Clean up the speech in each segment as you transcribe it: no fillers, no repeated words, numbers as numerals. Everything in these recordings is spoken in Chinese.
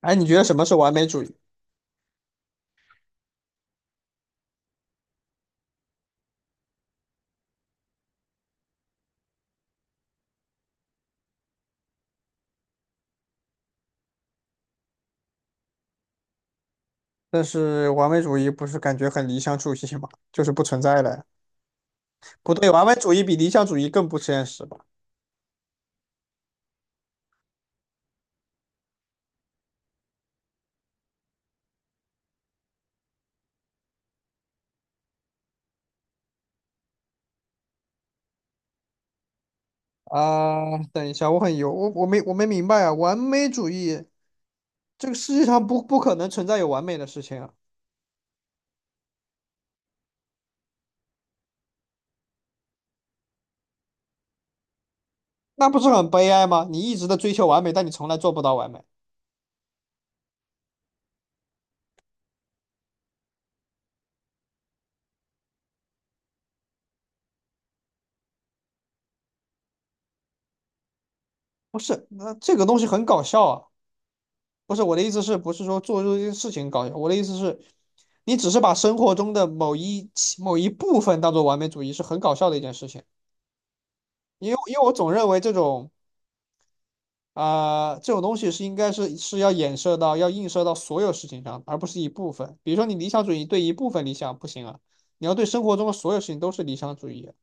哎，你觉得什么是完美主义？但是完美主义不是感觉很理想主义吗？就是不存在的呀。不对，完美主义比理想主义更不现实吧？等一下，我很油，我没明白啊。完美主义，这个世界上不可能存在有完美的事情啊。那不是很悲哀吗？你一直的追求完美，但你从来做不到完美。不是，那这个东西很搞笑啊。不是，我的意思是，不是说做这件事情搞笑，我的意思是，你只是把生活中的某一部分当做完美主义，是很搞笑的一件事情。因为我总认为这种这种东西应该是要衍射到要映射到所有事情上，而不是一部分。比如说你理想主义对一部分理想不行啊，你要对生活中的所有事情都是理想主义啊。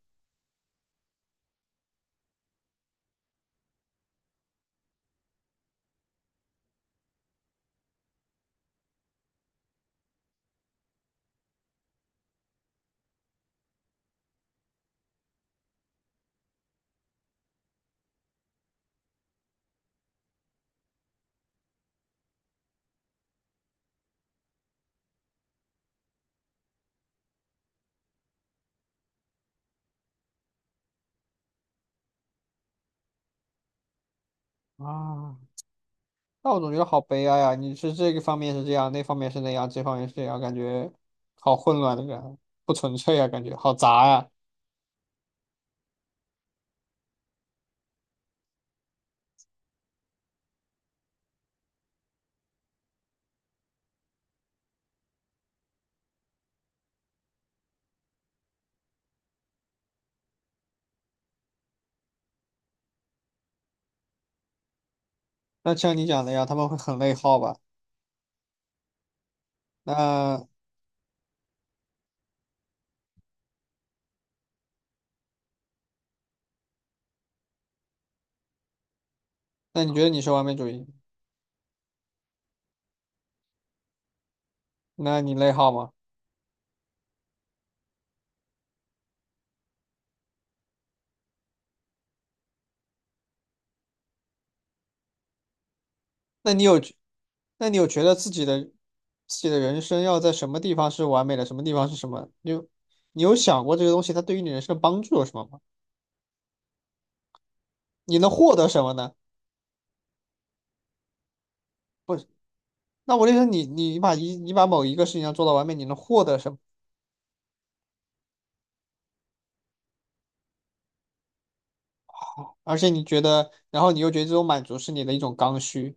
啊，那我总觉得好悲哀啊！你是这个方面是这样，那方面是那样，这方面是这样，感觉好混乱的感觉，不纯粹啊，感觉好杂啊。那像你讲的呀，他们会很内耗吧？那那你觉得你是完美主义？那你内耗吗？那你有觉那你有觉得自己的人生要在什么地方是完美的，什么地方是什么？你有想过这个东西它对于你人生的帮助有什么吗？你能获得什么呢？不是，那我就说你把一你把某一个事情要做到完美，你能获得什么？而且你觉得，然后你又觉得这种满足是你的一种刚需，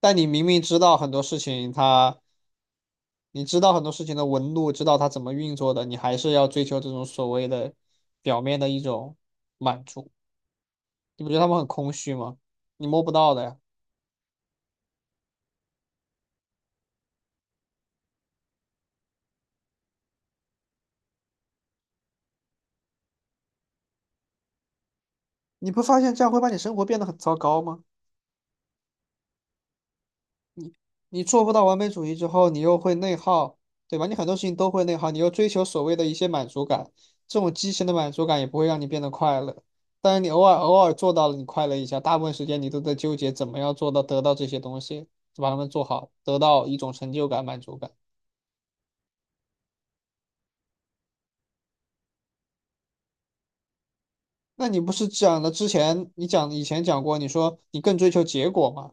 但你明明知道很多事情它，你知道很多事情的纹路，知道它怎么运作的，你还是要追求这种所谓的表面的一种满足。你不觉得他们很空虚吗？你摸不到的呀。你不发现这样会把你生活变得很糟糕吗？你做不到完美主义之后，你又会内耗，对吧？你很多事情都会内耗，你又追求所谓的一些满足感，这种畸形的满足感也不会让你变得快乐。但是你偶尔做到了，你快乐一下，大部分时间你都在纠结怎么样做到得到这些东西，把它们做好，得到一种成就感、满足感。那你不是讲的之前你讲以前讲过，你说你更追求结果吗？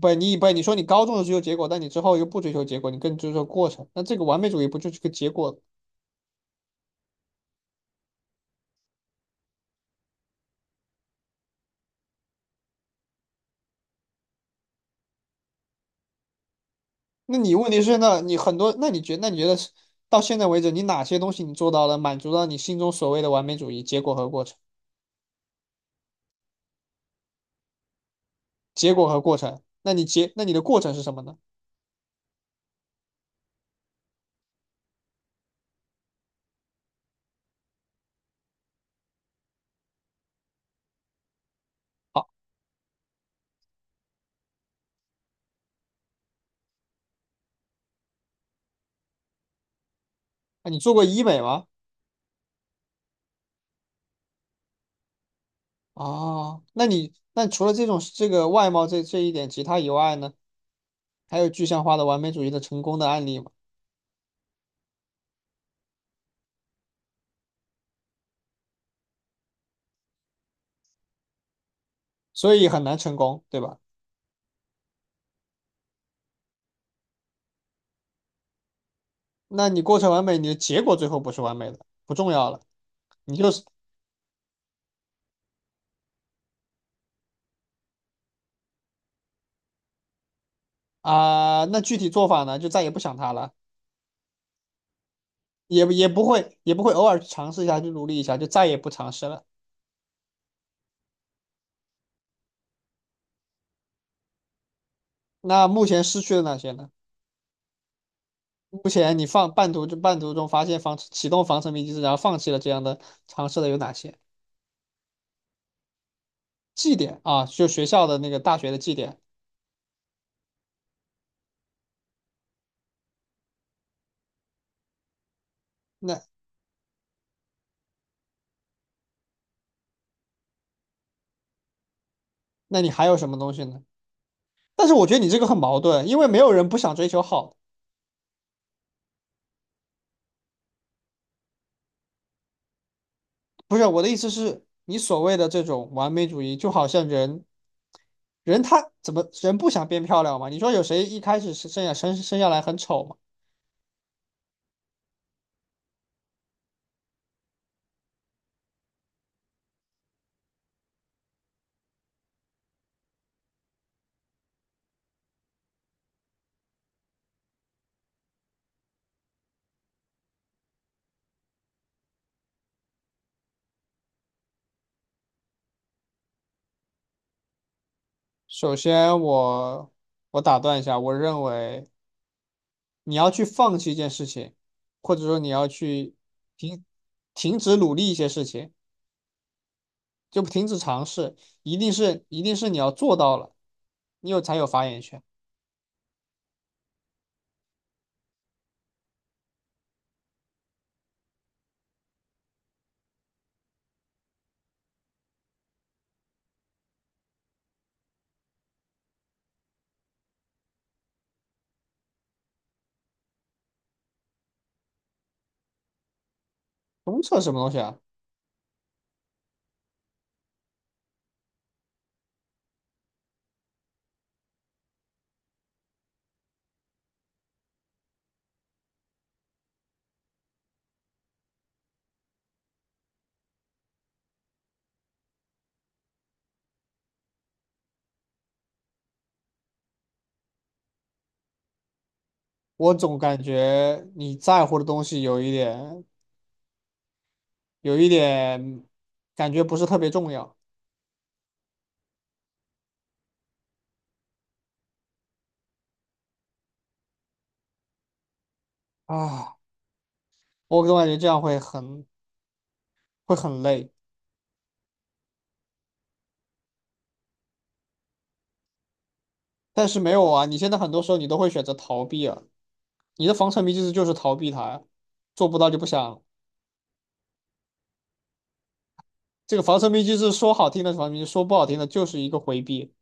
不，你不，你说你高中的追求结果，但你之后又不追求结果，你更追求过程，那这个完美主义不就是个结果？那你问题是那你很多，那你觉那你觉得是到现在为止，你哪些东西你做到了，满足到你心中所谓的完美主义？结果和过程。结果和过程，那你的过程是什么呢？好，那你做过医美吗？啊，那除了这种这个外貌这一点，其他以外呢，还有具象化的完美主义的成功的案例吗？所以很难成功，对吧？那你过程完美，你的结果最后不是完美的，不重要了。你就是那具体做法呢，就再也不想它了，也不会偶尔去尝试一下，去努力一下，就再也不尝试了。那目前失去的哪些呢？目前你放半途就半途中发现防启动防沉迷机制，然后放弃了这样的尝试的有哪些？绩点啊，就学校的那个大学的绩点，那那你还有什么东西呢？但是我觉得你这个很矛盾，因为没有人不想追求好的。不是，我的意思是，你所谓的这种完美主义，就好像人，人他怎么人不想变漂亮嘛？你说有谁一开始是生下来很丑吗？首先我我打断一下，我认为你要去放弃一件事情，或者说你要去停停止努力一些事情，就停止尝试，一定是你要做到了，你有才有发言权。东扯什么东西啊？我总感觉你在乎的东西有一点。有一点感觉不是特别重要啊。我总感觉这样会很累，但是没有啊，你现在很多时候你都会选择逃避啊，你的防沉迷机制就是逃避它呀，做不到就不想。这个防沉迷机制说好听的是防沉迷，说不好听的就是一个回避。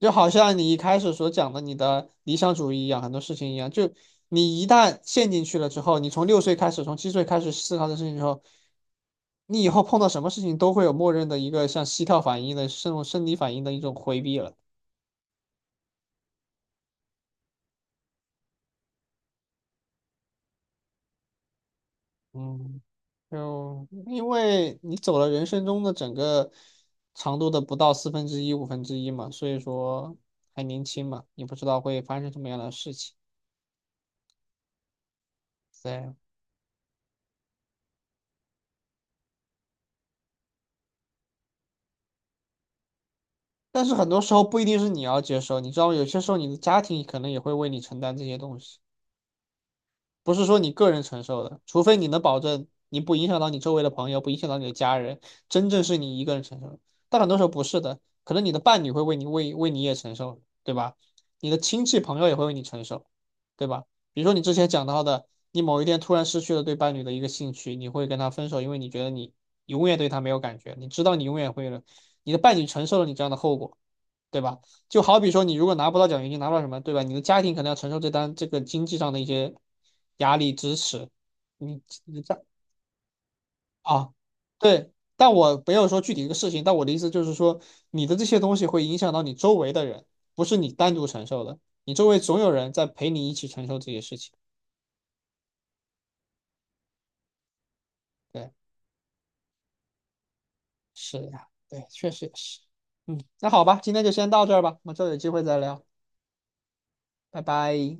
就好像你一开始所讲的你的理想主义一样，很多事情一样，就你一旦陷进去了之后，你从六岁开始，从七岁开始思考这事情之后，你以后碰到什么事情都会有默认的一个像膝跳反应的这种生理反应的一种回避了。嗯，就因为你走了人生中的整个长度的不到四分之一、五分之一嘛，所以说还年轻嘛，你不知道会发生什么样的事情。对，但是很多时候不一定是你要接受，你知道吗？有些时候你的家庭可能也会为你承担这些东西，不是说你个人承受的，除非你能保证你不影响到你周围的朋友，不影响到你的家人，真正是你一个人承受的。但很多时候不是的，可能你的伴侣会为你为你也承受，对吧？你的亲戚朋友也会为你承受，对吧？比如说你之前讲到的，你某一天突然失去了对伴侣的一个兴趣，你会跟他分手，因为你觉得你永远对他没有感觉，你知道你永远会了，你的伴侣承受了你这样的后果，对吧？就好比说，你如果拿不到奖学金，拿不到什么，对吧？你的家庭可能要承受这单这个经济上的一些压力支持，你啊，对。但我没有说具体一个事情，但我的意思就是说，你的这些东西会影响到你周围的人，不是你单独承受的，你周围总有人在陪你一起承受这些事情。对，是呀，对，确实也是。嗯，那好吧，今天就先到这儿吧，我们之后有机会再聊，拜拜。